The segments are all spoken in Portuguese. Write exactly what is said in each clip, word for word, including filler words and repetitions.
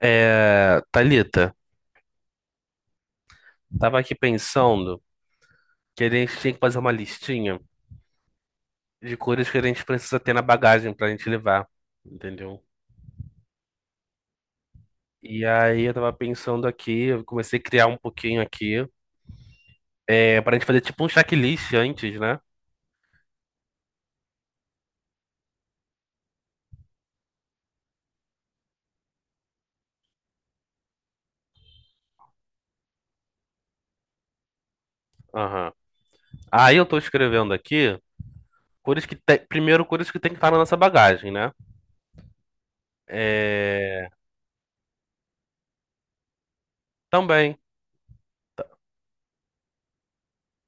É, Thalita, tava aqui pensando que a gente tinha que fazer uma listinha de coisas que a gente precisa ter na bagagem pra gente levar, entendeu? E aí eu tava pensando aqui, eu comecei a criar um pouquinho aqui, é, pra gente fazer tipo um checklist antes, né? Aham. Aí eu tô escrevendo aqui coisas que tem, primeiro coisas que tem que estar na nossa bagagem, né? É, Também,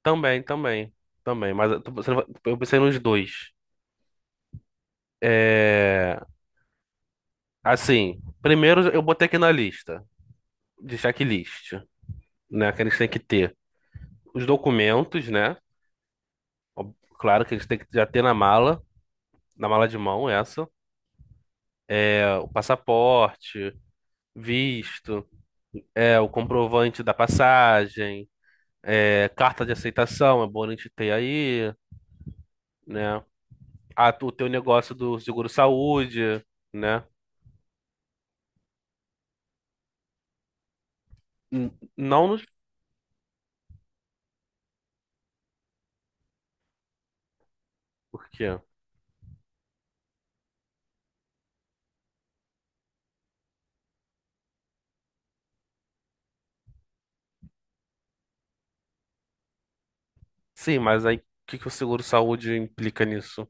também, também, também, mas eu tô pensando- eu pensei nos dois. É, Assim, primeiro eu botei aqui na lista de checklist, né? Que a gente tem que ter os documentos, né? Ob- Claro que eles têm que já ter na mala, na mala de mão essa, é, o passaporte, visto, é o comprovante da passagem, é, carta de aceitação, é bom a gente ter aí, né? a o teu negócio do seguro-saúde, né? N- Não nos... Por quê? Sim, mas aí o que que o seguro-saúde implica nisso?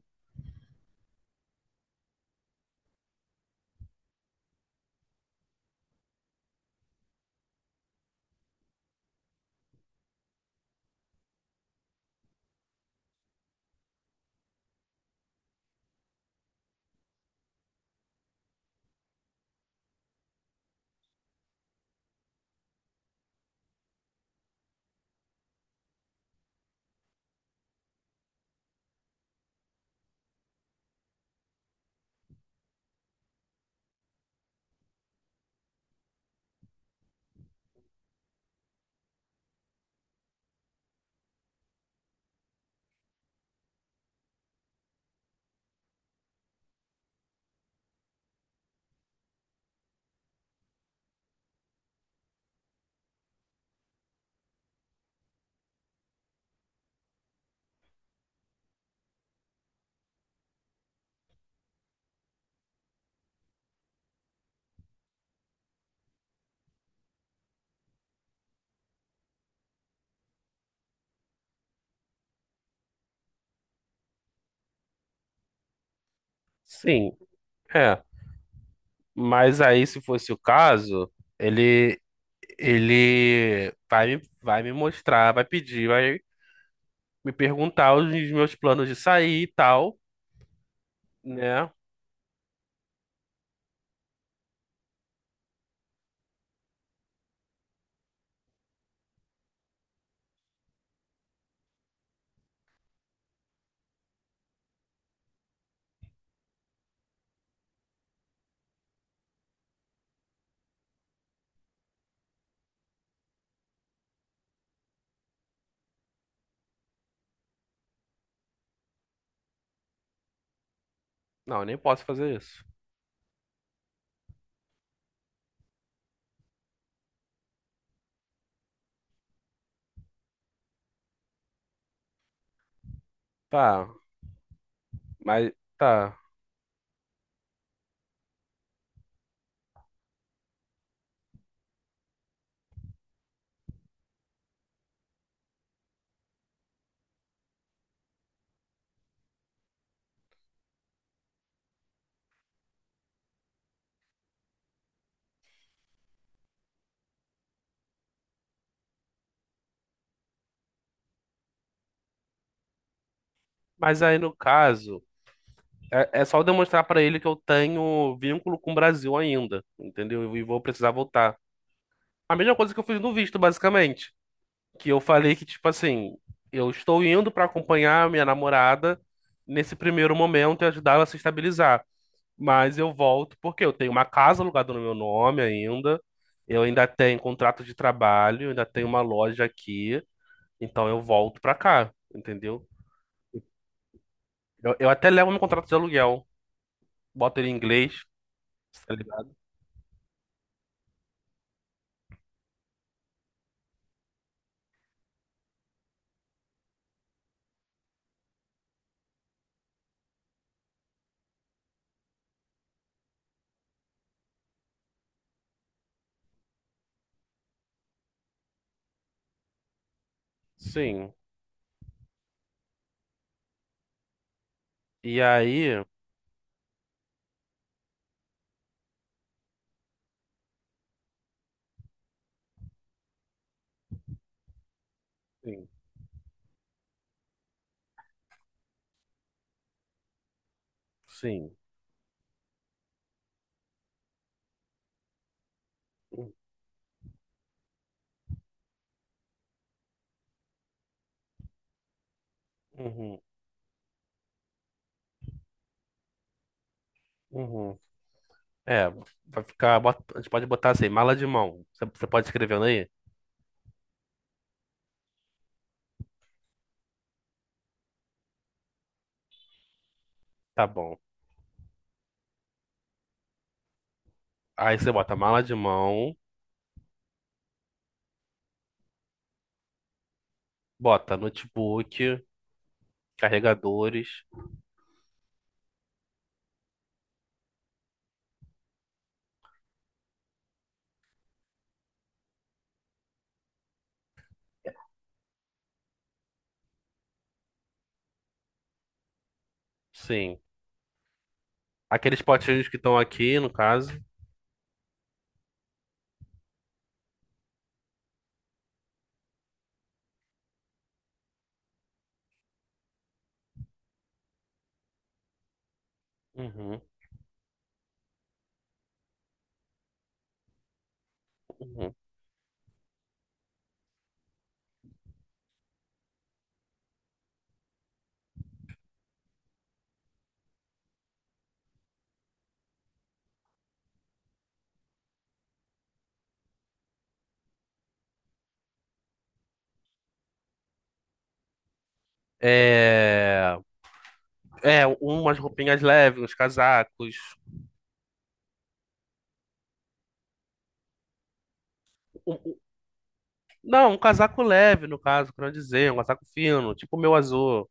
Sim, é. Mas aí, se fosse o caso, ele, ele vai, me- vai me mostrar, vai pedir, vai me perguntar os meus planos de sair e tal, né? Não, eu nem posso fazer isso. Tá, mas tá. Mas aí no caso. É, é só eu demonstrar pra ele que eu tenho vínculo com o Brasil ainda, entendeu? E vou precisar voltar. A mesma coisa que eu fiz no visto, basicamente. Que eu falei que, tipo assim, eu estou indo pra acompanhar a minha namorada nesse primeiro momento e ajudar ela a se estabilizar. Mas eu volto porque eu tenho uma casa alugada no meu nome ainda, eu ainda tenho contrato de trabalho, eu ainda tenho uma loja aqui, então eu volto pra cá, entendeu? Eu, eu até levo meu contrato de aluguel, boto ele em inglês, tá ligado? Sim. E aí. Sim, sim. Uhum, uhum. É, Vai ficar. Bota- a gente pode botar assim, mala de mão. Você você pode escrevendo aí? Tá bom. Aí você bota mala de mão, bota notebook, carregadores. Sim. Aqueles potinhos que estão aqui, no caso. Uhum, uhum. É, é, Umas roupinhas leves, uns casacos. Um- um- não, um casaco leve, no caso, quero dizer, um casaco fino, tipo o meu azul.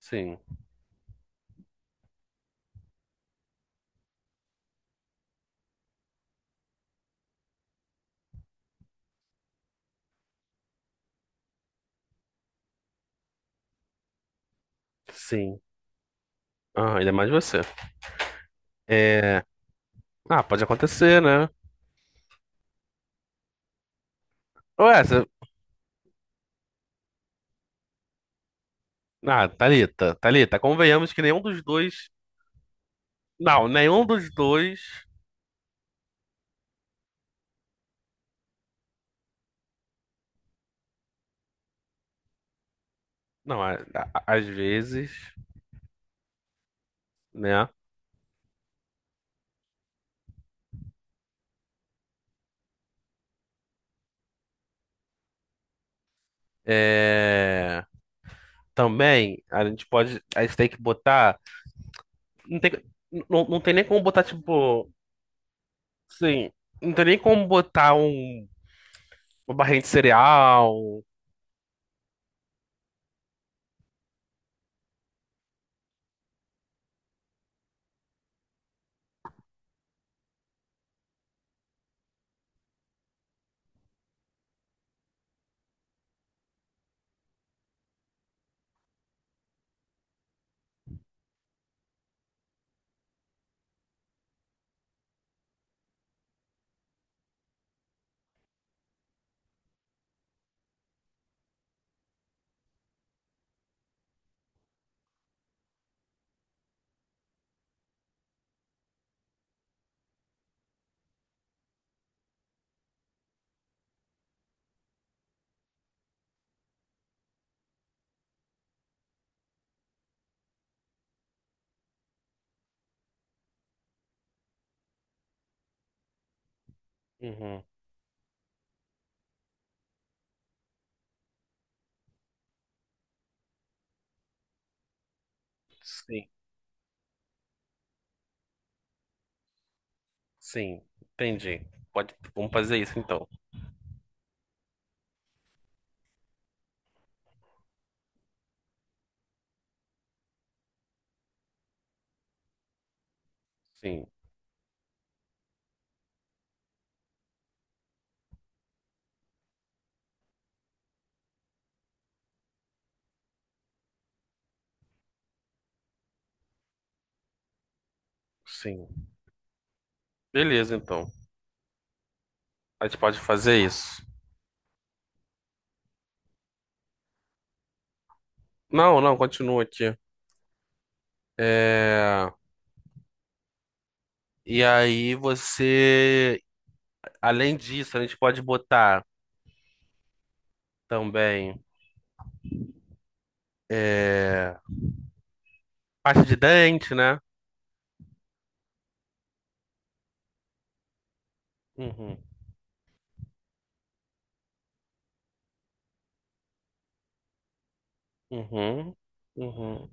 Sim, sim. Ah, ainda mais você. É... Ah, pode acontecer, né? Ué, você... Ah, Thalita, Thalita, convenhamos que nenhum dos dois. Não, nenhum dos dois. Não, a- a- às vezes, né? É... Também, a gente pode. A gente tem que botar. Não tem, não, não tem nem como botar, tipo. Sim. Não tem nem como botar um... uma barrinha de cereal. Uhum. Sim, sim. Entendi. Pode... Vamos fazer isso então. Sim, sim. Beleza, então. A gente pode fazer isso. Não, não, continua aqui. É... E aí você, além disso, a gente pode botar também é... pasta de dente, né? Uhum, uhum, uhum,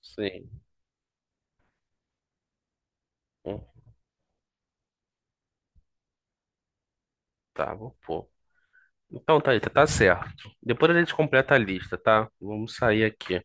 sim. Hum. Tá, vou pôr. Então, Thalita, tá certo. Depois a gente completa a lista, tá? Vamos sair aqui.